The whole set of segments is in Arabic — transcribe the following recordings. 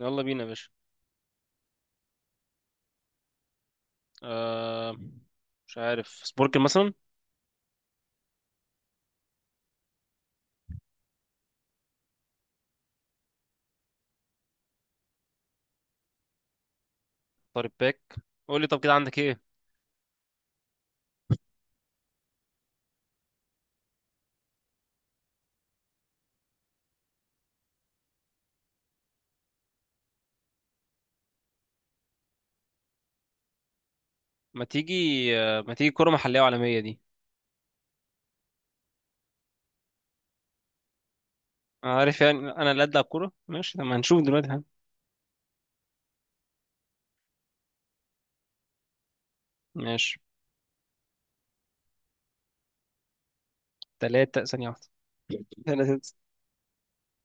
يلا بينا يا باشا. آه، مش عارف، سبوركل مثلا. طارق باك. قول لي، طب كده عندك ايه؟ ما تيجي. آه، ما تيجي كرة محلية وعالمية دي. انا عارف يعني، انا اللي ادلع كورة. ماشي، طب ما هنشوف دلوقتي. ها؟ ماشي. تلاتة، ثانية واحدة. تلاتة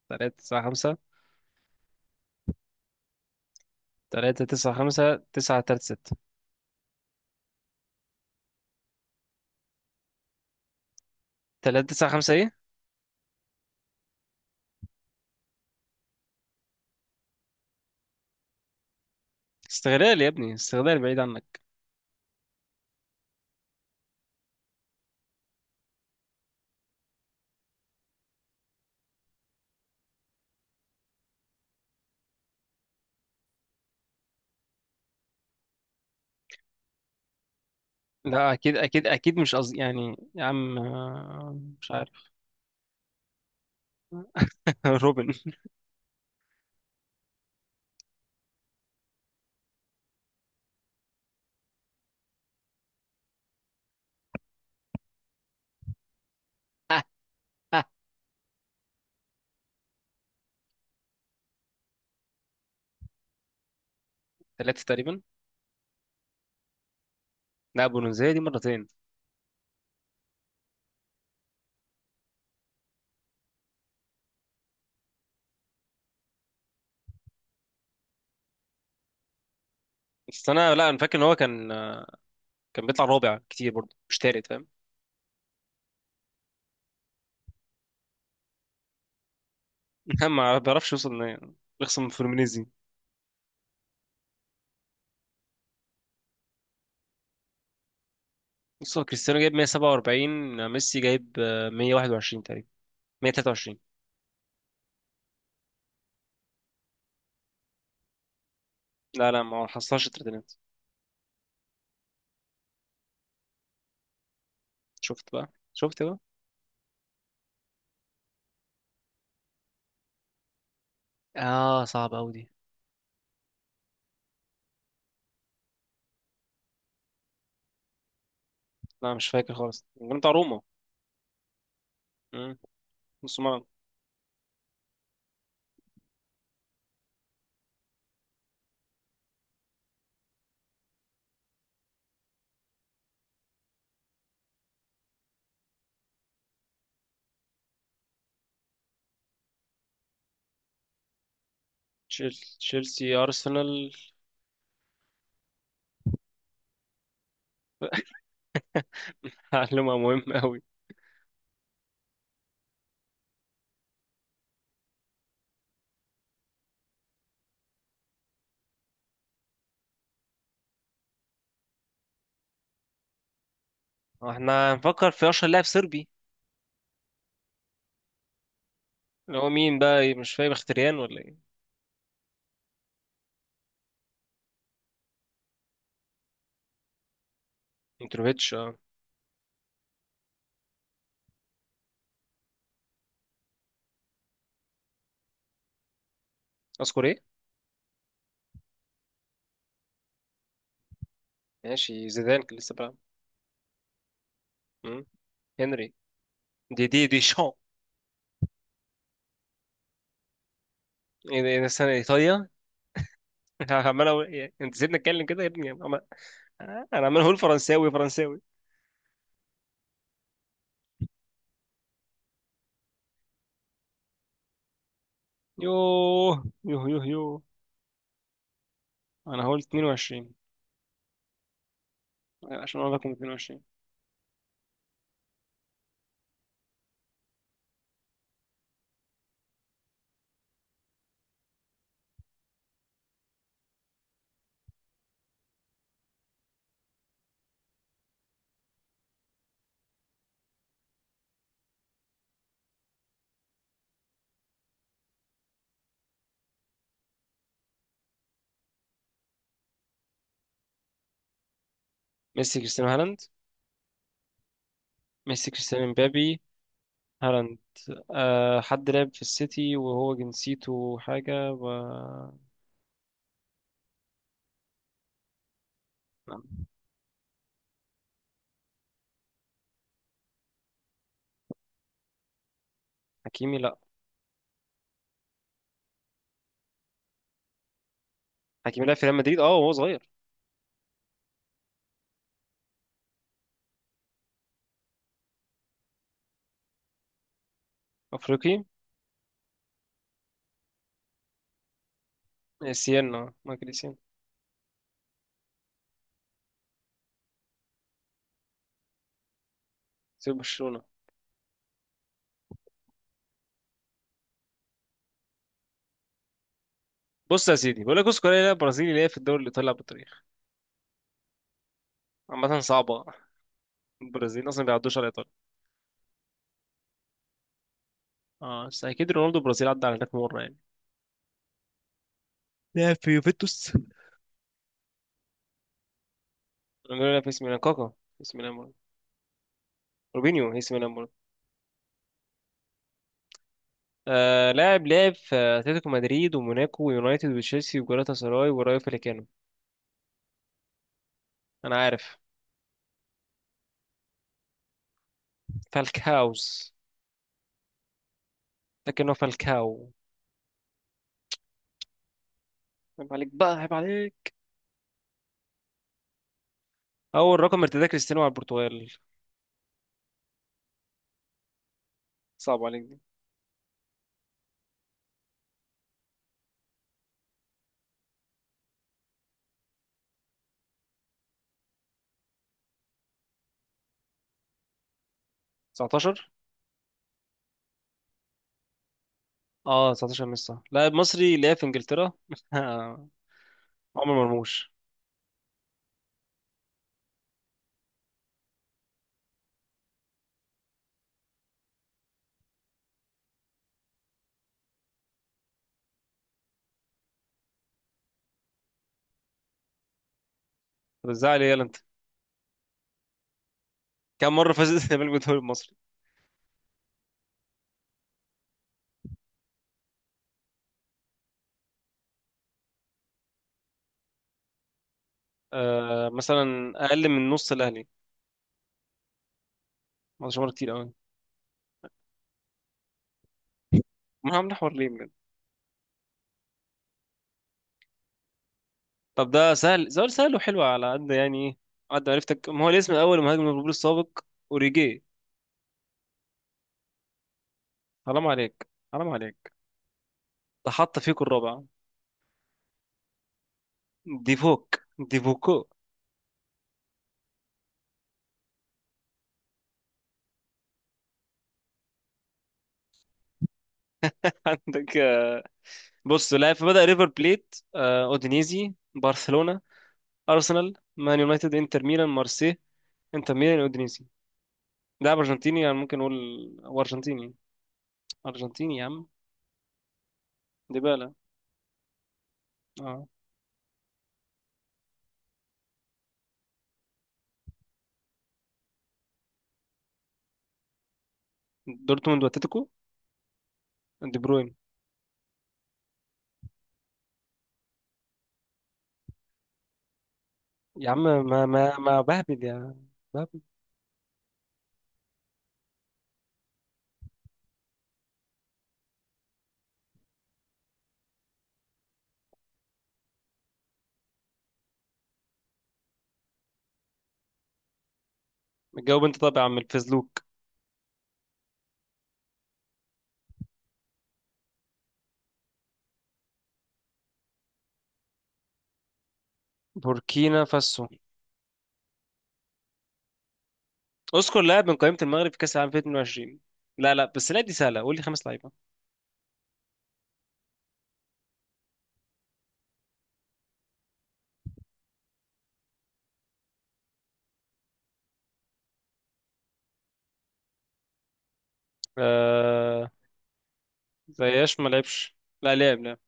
تلاتة تسعة خمسة. تلاتة تسعة خمسة تسعة تلاتة ستة. تلاتة تسعة خمسة ايه؟ استغلال يا ابني، استغلال بعيد عنك. لا، اكيد اكيد اكيد مش قصدي يعني يا عم. آه، مش عارف. روبن ثلاثة تقريبا. لا، بولونزيه دي مرتين. بس انا، لا انا فاكر ان هو كان بيطلع رابع كتير برضه، مش تالت، فاهم؟ ما بيعرفش يوصل. إن- يخسر من فلومينيزي. بص، هو كريستيانو جايب 147. ميسي جايب 121 تقريبا. 123. لا لا، ما حصلش التلاتينات. شفت بقى؟ شفت بقى؟ اه، صعب قوي دي. لا مش فاكر خالص، كان بتاع روما. مم. نص ملعب. تشيل- تشيلسي، ارسنال. معلومة مهمة أوي. هو احنا هنفكر في أشهر لاعب صربي؟ اللي هو مين بقى، مش فاهم، مختريان ولا ايه؟ متروفيتش، اه. اذكر إيه؟ ماشي، زيدان كان لسه بيلعب. مم. هنري. دي شان. إيه ده سنة ايطاليا؟ إيه، انت سيبني اتكلم كده يا ابني عمال-. انا عمال اقول فرنساوي فرنساوي. يوه يوه يوه يوه. انا هقول 22. عشان اقول لكم 22. ميسي كريستيانو هالاند. ميسي كريستيانو مبابي هالاند. أه، حد لعب في السيتي وهو جنسيته حاجة و... لا. حكيمي لا. حكيمي لعب في ريال مدريد، اه، وهو صغير. افريقي. سيانا، مايكل سيانا. سيب برشلونة. بص يا سيدي، بقول لك، بص، كوريا لعب برازيلي اللي هي في الدوري الايطالي، لعب بالتاريخ. عامة صعبة. البرازيل اصلا ما بيعدوش على ايطاليا. اه، بس اكيد رونالدو البرازيل عدى على هناك مرة يعني. لعب في يوفنتوس. رونالدو لعب في اسم ميلان، كاكا في اسم ميلان برضه. روبينيو في اسم ميلان برضه. آه، لاعب لعب في اتلتيكو مدريد وموناكو ويونايتد وتشيلسي وجالاتا سراي ورايو فاليكانو. انا عارف. فالكاوز. لكنه فالكاو. عيب عليك بقى، عيب عليك. اول رقم ارتداه كريستيانو على البرتغال؟ صعب عليك دي. 19. اه، 19 مش صح. لاعب مصري لعب في انجلترا عمر مرموش. طب ازاي عليه؟ يلا انت. كم مره فاز الزمالك بالدوري المصري؟ آه، مثلا اقل من نص الاهلي. 19 مره كتير قوي. ما عم نحور ليه بجد؟ طب ده سهل، سؤال سهل وحلو على قد يعني ايه، قد معرفتك. ما هو الاسم الاول مهاجم ليفربول السابق؟ اوريجي. حرام عليك، حرام عليك. ده حط فيكو الرابع. ديفوك، ديفوكو. عندك بص، لاعب. فبدأ ريفر بليت، اودينيزي، برشلونة، أرسنال، مان يونايتد، إنتر ميلان، مارسي، إنتر ميلان، أودينيزي. ده أرجنتيني يعني، ممكن نقول. هو أرجنتيني. أرجنتيني يا عم. ديبالا. اه، دورتموند وأتلتيكو. دي بروين. يا عم ما بهبد، يا، بهبد. جاوب أنت طبعا يا عم الفزلوك. بوركينا فاسو. اذكر لاعب من قائمة المغرب في كأس العالم 2022. لا لا بس، لا دي سهلة، قول لي خمس لعيبة. آه. زياش ما لعبش. لا لعب، لعب.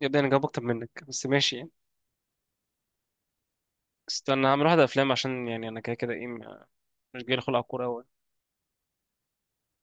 يا ابني انا جاوب اكتر منك، بس ماشي يعني. استنى هعمل واحدة افلام، عشان يعني انا كده كده ايه، مش جاي خلق على الكورة أوي.